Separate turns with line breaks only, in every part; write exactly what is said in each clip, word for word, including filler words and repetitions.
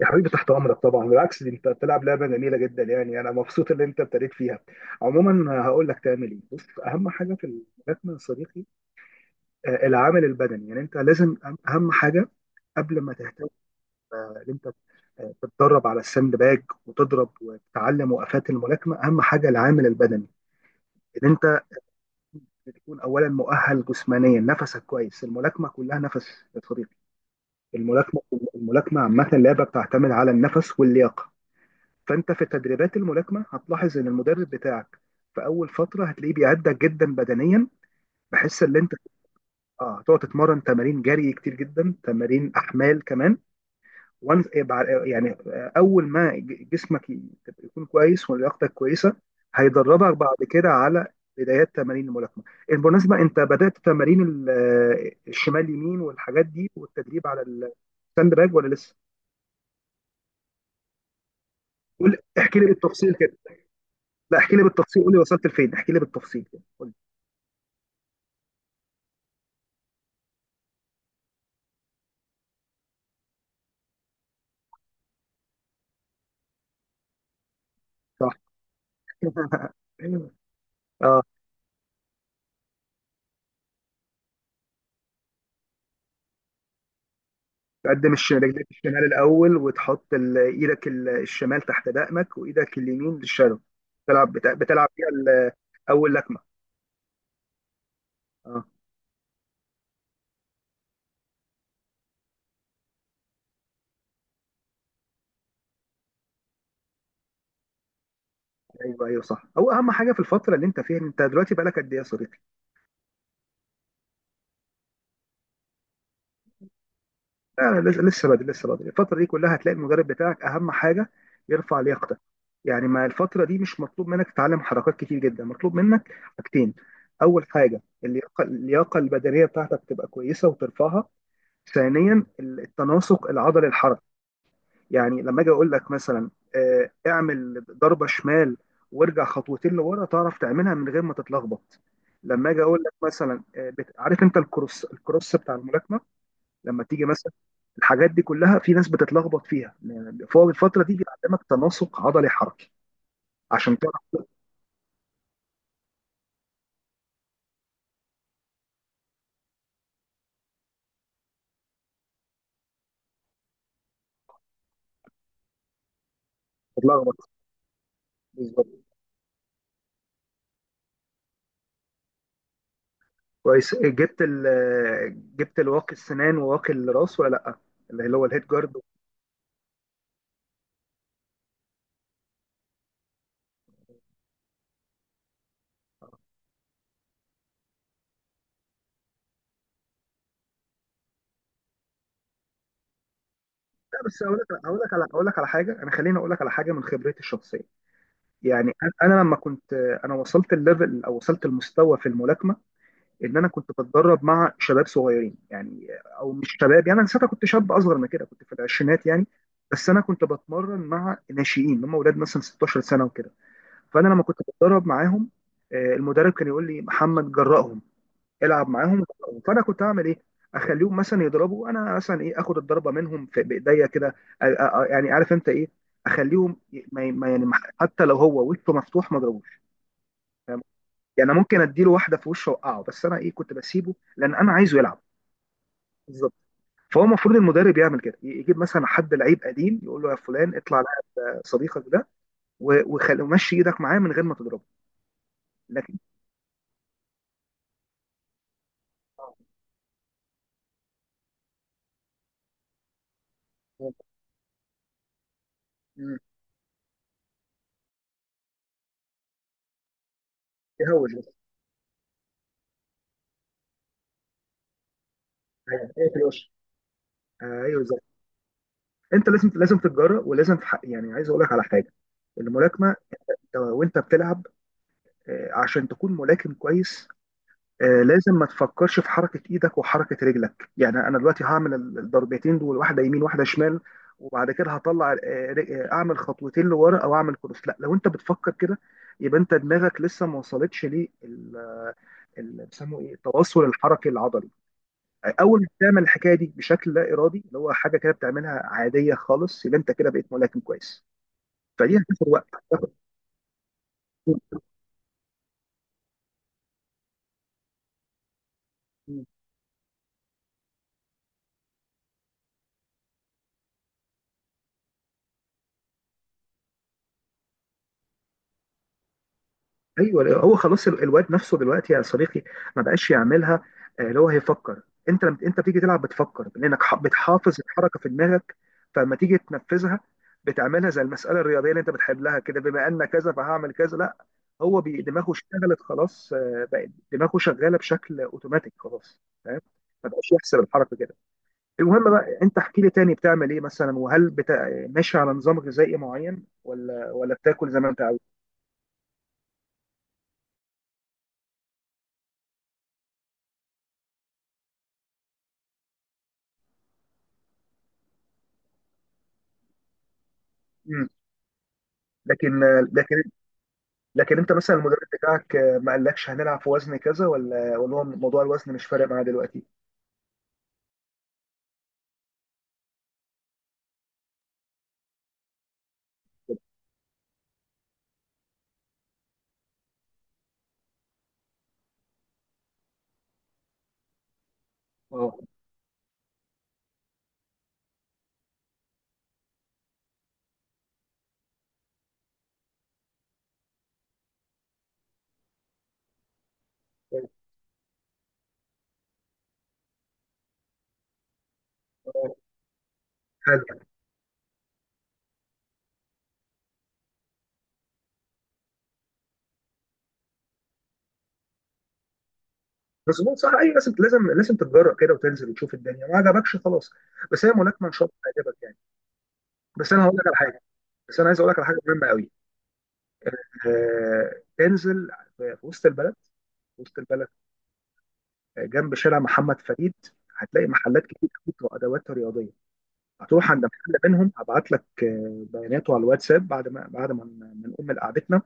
يا حبيبي تحت امرك طبعا، بالعكس دي انت بتلعب لعبه جميله جدا، يعني انا مبسوط ان انت ابتديت فيها. عموما هقول لك تعمل ايه. بص اهم حاجه في الملاكمه يا صديقي، آه، العامل البدني. يعني انت لازم، أهم أهم حاجه قبل ما تهتم ان انت آه، تتدرب على الساند باج وتضرب وتتعلم وقفات الملاكمه، اهم حاجه العامل البدني. ان انت تكون اولا مؤهل جسمانيا، نفسك كويس. الملاكمه كلها نفس يا صديقي. الملاكمه الملاكمه عامه لعبه بتعتمد على النفس واللياقه. فانت في تدريبات الملاكمه هتلاحظ ان المدرب بتاعك في اول فتره هتلاقيه بيعدك جدا بدنيا، بحيث ان انت اه تقعد تتمرن تمارين جري كتير جدا، تمارين احمال كمان. وان يعني آه، اول ما ج- جسمك ي- تبقى يكون كويس ولياقتك كويسه، هيدربك بعد كده على بدايات تمارين الملاكمه. بالمناسبه انت بدات تمارين ال- آه، الشمال يمين والحاجات دي والتدريب على الساند باج، ولا لسه؟ قول، احكي لي بالتفصيل كده. لا احكي لي بالتفصيل، قول لي وصلت لفين، احكي لي بالتفصيل كده. صح. اه. تقدم الش- رجليك الشمال الاول، وتحط ال- ايدك ال- الشمال تحت دقنك، وايدك اليمين للشادو. بتلعب بت- بتلعب فيها ال- اول لكمه. اه. ايوه ايوه صح. هو اهم حاجه في الفتره اللي انت فيها، انت دلوقتي بقالك قد ايه يا صديقي؟ لا لسه، لسه بدري لسه بدري الفتره دي كلها. هتلاقي المدرب بتاعك اهم حاجه يرفع لياقتك. يعني ما الفتره دي مش مطلوب منك تتعلم حركات كتير جدا، مطلوب منك حاجتين. اول حاجه اللياقه، اللياقه البدنيه بتاعتك تبقى كويسه وترفعها. ثانيا التناسق العضلي الحركي. يعني لما اجي اقول لك مثلا آه، اعمل ضربه شمال وارجع خطوتين لورا، تعرف تعملها من غير ما تتلخبط. لما اجي اقول لك مثلا آه، بت- عارف انت الكروس، الكروس بتاع الملاكمه، لما تيجي مثلا، الحاجات دي كلها في ناس بتتلخبط فيها يعني. فهو الفتره دي بيعلمك تناسق عضلي حركي عشان تعرف تتلخبط. بالظبط. كويس، جبت ال جبت الواقي السنان وواقي الراس ولا لا؟ اللي هو الهيد جارد. لا بس اقول لك اقول لك على اقول لك على حاجه، انا خليني اقول لك على حاجه من خبرتي الشخصيه. يعني انا أنا لما كنت، انا وصلت الليفل، او وصلت المستوى في الملاكمه، ان انا كنت بتدرب مع شباب صغيرين يعني. او مش شباب، يعني انا ساعتها كنت شاب اصغر من كده، كنت في العشرينات يعني. بس انا كنت بتمرن مع ناشئين، هم اولاد مثلا ستة عشر سنة سنه وكده. فانا لما كنت بتدرب معاهم آه، المدرب كان يقول لي: محمد، جرأهم، العب معاهم. فانا كنت هعمل ايه، اخليهم مثلا يضربوا، انا مثلا ايه اخد الضربه منهم في بايديا كده. أ- أ- يعني عارف انت ايه، اخليهم ي- ما ما- يعني ما- حتى لو هو وشه مفتوح ما اضربوش. يعني أنا ممكن اديله واحده في وشه اوقعه، بس انا ايه كنت بسيبه لان انا عايزه يلعب. بالظبط. فهو المفروض المدرب يعمل كده، ي- يجيب مثلا حد لعيب قديم يقول له: يا فلان اطلع على صديقك ده و- وخل- ومشي ايدك معاه من غير ما تضربه. لكن. مم. يهوش بس. ايوه ايوه، في الوش. ايوه، انت لازم لازم تتجرأ ولازم تحقق. يعني عايز اقول لك على حاجه، الملاكمه آه، وانت بتلعب، آه، عشان تكون ملاكم كويس آه، لازم ما تفكرش في حركه ايدك وحركه رجلك. يعني انا دلوقتي هعمل ال- الضربتين دول، واحده يمين واحده شمال، وبعد كده هطلع آه، ر- آه، اعمل خطوتين لورا او اعمل كروس. لا لو انت بتفكر كده يبقى انت دماغك لسه ما وصلتش ليه ال- ال- بيسموه ايه، التواصل الحركي العضلي. اول ما تعمل الحكايه دي بشكل لا ارادي، اللي هو حاجه كده بتعملها عاديه خالص، يبقى انت كده بقيت ملاكم كويس. فدي هتاخد وقت. ايوه، هو خلاص ال- الواد نفسه دلوقتي يا صديقي ما بقاش يعملها. آه، اللي هو هيفكر، انت لما انت بتيجي تلعب بتفكر لانك ح- بتحافظ الحركه في دماغك. فلما تيجي تنفذها بتعملها زي المساله الرياضيه اللي انت بتحلها كده، بما ان كذا فهعمل كذا. لا، هو بي- دماغه اشتغلت خلاص، آه، بقت دماغه شغاله بشكل اوتوماتيك خلاص. فاهم. ما بقاش يحسب الحركه كده. المهم بقى، انت احكي لي تاني بتعمل ايه مثلا، وهل بتا... ماشي على نظام غذائي معين ولا ولا بتاكل زي ما انت عاوز؟ لكن لكن لكن انت مثلا المدرب بتاعك ما قالكش هنلعب في وزن كذا، ولا ولا هو موضوع الوزن مش فارق معاه دلوقتي؟ اه اه. حلو. بس هو صح، اي لازم لازم لازم تتجرأ كده، وتنزل وتشوف الدنيا. ما عجبكش خلاص، بس هي ملاكمه ان شاء الله تعجبك يعني. بس انا هقول لك على حاجه، بس انا عايز اقول لك على حاجه مهمه قوي. آه انزل في في وسط البلد، في وسط البلد آه، جنب شارع محمد فريد، هتلاقي محلات كتير قوي بتوع ادوات رياضيه. هتروح عند محل منهم، هبعت لك آه، بياناته على الواتساب بعد ما بعد ما ما نقوم من قعدتنا،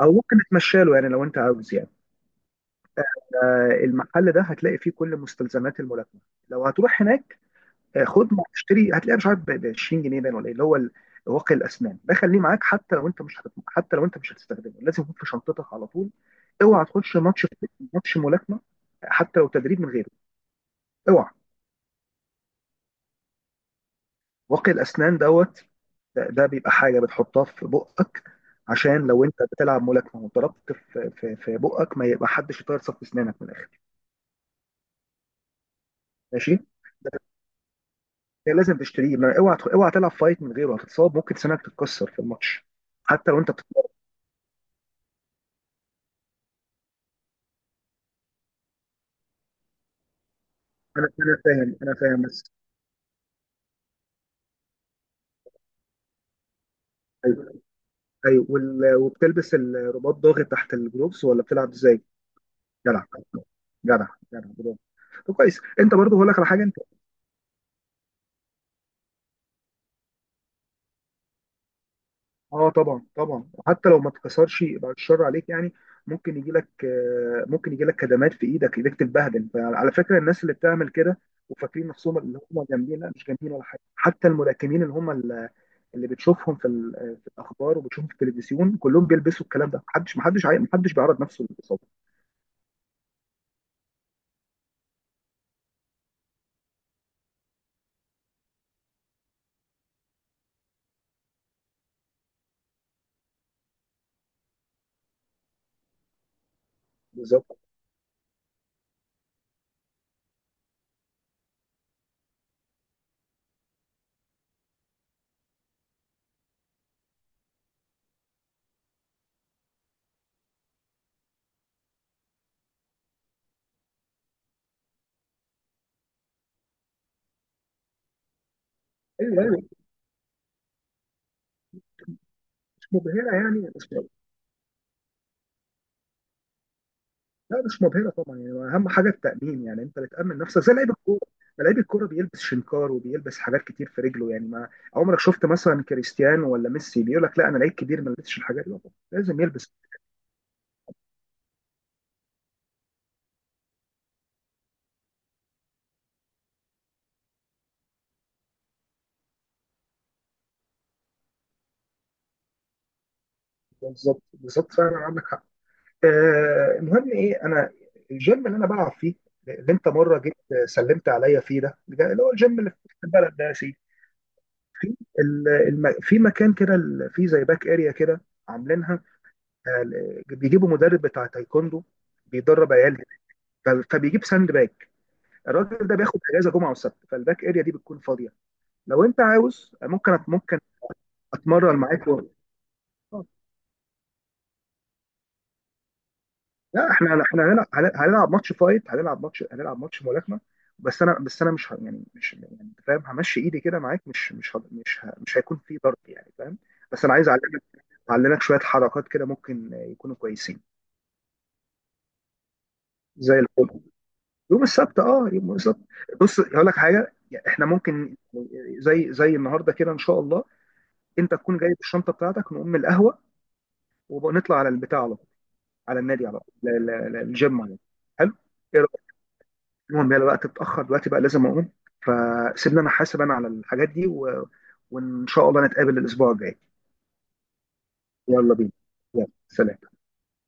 او ممكن نتمشى له يعني لو انت عاوز يعني. آه، المحل ده هتلاقي فيه كل مستلزمات الملاكمه. لو هتروح هناك آه، خد ما تشتري، هتلاقيها مش عارف ب عشرين جنيه باين، ولا ايه اللي هو ال- واقي الاسنان ده خليه معاك. حتى لو انت مش هتت... حتى لو انت مش هتستخدمه، لازم يكون في شنطتك على طول. اوعى تخش ماتش، ماتش ملاكمه، حتى لو تدريب من غيره. اوعى. واقي الاسنان دوت ده, ده بيبقى حاجه بتحطها في بقك، عشان لو انت بتلعب ملاكمه وضربت في في في بقك، ما يبقى حدش يطير صف اسنانك من الاخر. ماشي. ده لازم تشتريه. ما اوعى اوعى تلعب فايت من غيره، هتتصاب، ممكن سنانك تتكسر في الماتش، حتى لو انت بتتمرن. انا انا فاهم انا فاهم. بس ايوه ايوه وال- وبتلبس الرباط ضاغط تحت الجلوبس، ولا بتلعب ازاي؟ جدع، جدع، جدع، برافو. طب كويس. انت برضو هقول لك على حاجه. اه طبعا طبعا، وحتى لو ما اتكسرش يبقى الشر عليك يعني. ممكن يجي لك آه، ممكن يجي لك كدمات في ايدك، ايدك تتبهدل. فعلى فكره الناس اللي بتعمل كده وفاكرين نفسهم اللي هم جامدين، لا مش جامدين ولا حاجه. حتى الملاكمين اللي هم ال- اللي بتشوفهم في ال- في الاخبار وبتشوفهم في التلفزيون كلهم بيلبسوا الكلام ده. محدش محدش عاي- محدش بيعرض نفسه للاصابه. بالظبط. ايوه يعني مش مبهره يعني. لا مش مبهرة طبعا يعني. أهم حاجة التأمين، يعني أنت اللي تأمن نفسك زي لعيب الكورة. ما لعيب الكورة بيلبس شنكار وبيلبس حاجات كتير في رجله يعني. ما عمرك شفت مثلا كريستيانو ولا ميسي بيقول لك: لا أنا لعيب كبير ما لبسش الحاجات دي؟ لا طبعاً، لازم يلبس. بالظبط بالظبط، فعلا عندك حق. آه، المهم إيه، أنا الجيم اللي أنا بلعب فيه، اللي أنت مرة جيت سلمت عليا فيه ده، اللي هو الجيم اللي في البلد ده يا سيدي، ال- الم... في مكان كده، ال- في زي باك اريا كده عاملينها، آه، بيجيبوا مدرب بتاع تايكوندو بيدرب عيال، ف- فبيجيب ساند باك. الراجل ده بياخد اجازه جمعه وسبت، فالباك اريا دي بتكون فاضيه. لو انت عاوز ممكن أت- ممكن اتمرن معاك و... آه. لا احنا، احنا هنلعب، هنلعب ماتش فايت هنلعب ماتش هنلعب ماتش ملاكمه. بس انا بس انا مش ه- يعني مش يعني أنت فاهم، همشي ايدي كده معاك، مش مش ه- مش ه- مش هيكون في ضرب يعني، فاهم؟ بس انا عايز اعلمك اعلمك شويه حركات كده، ممكن يكونوا كويسين. زي الفل. يوم السبت، اه يوم السبت. بص هقول لك حاجه، يعني احنا ممكن زي زي النهارده كده ان شاء الله، انت تكون جايب الشنطه بتاعتك، نقوم القهوه ونطلع على البتاع على طول، على النادي على طول، ل- ل- ل- الجيم على طول. حلو. ايه رايك؟ المهم يلا، الوقت اتاخر دلوقتي بقى لازم اقوم. فسيبني انا حاسب، انا على الحاجات دي، و... وان شاء الله نتقابل الاسبوع الجاي. يلا بينا. يلا سلام.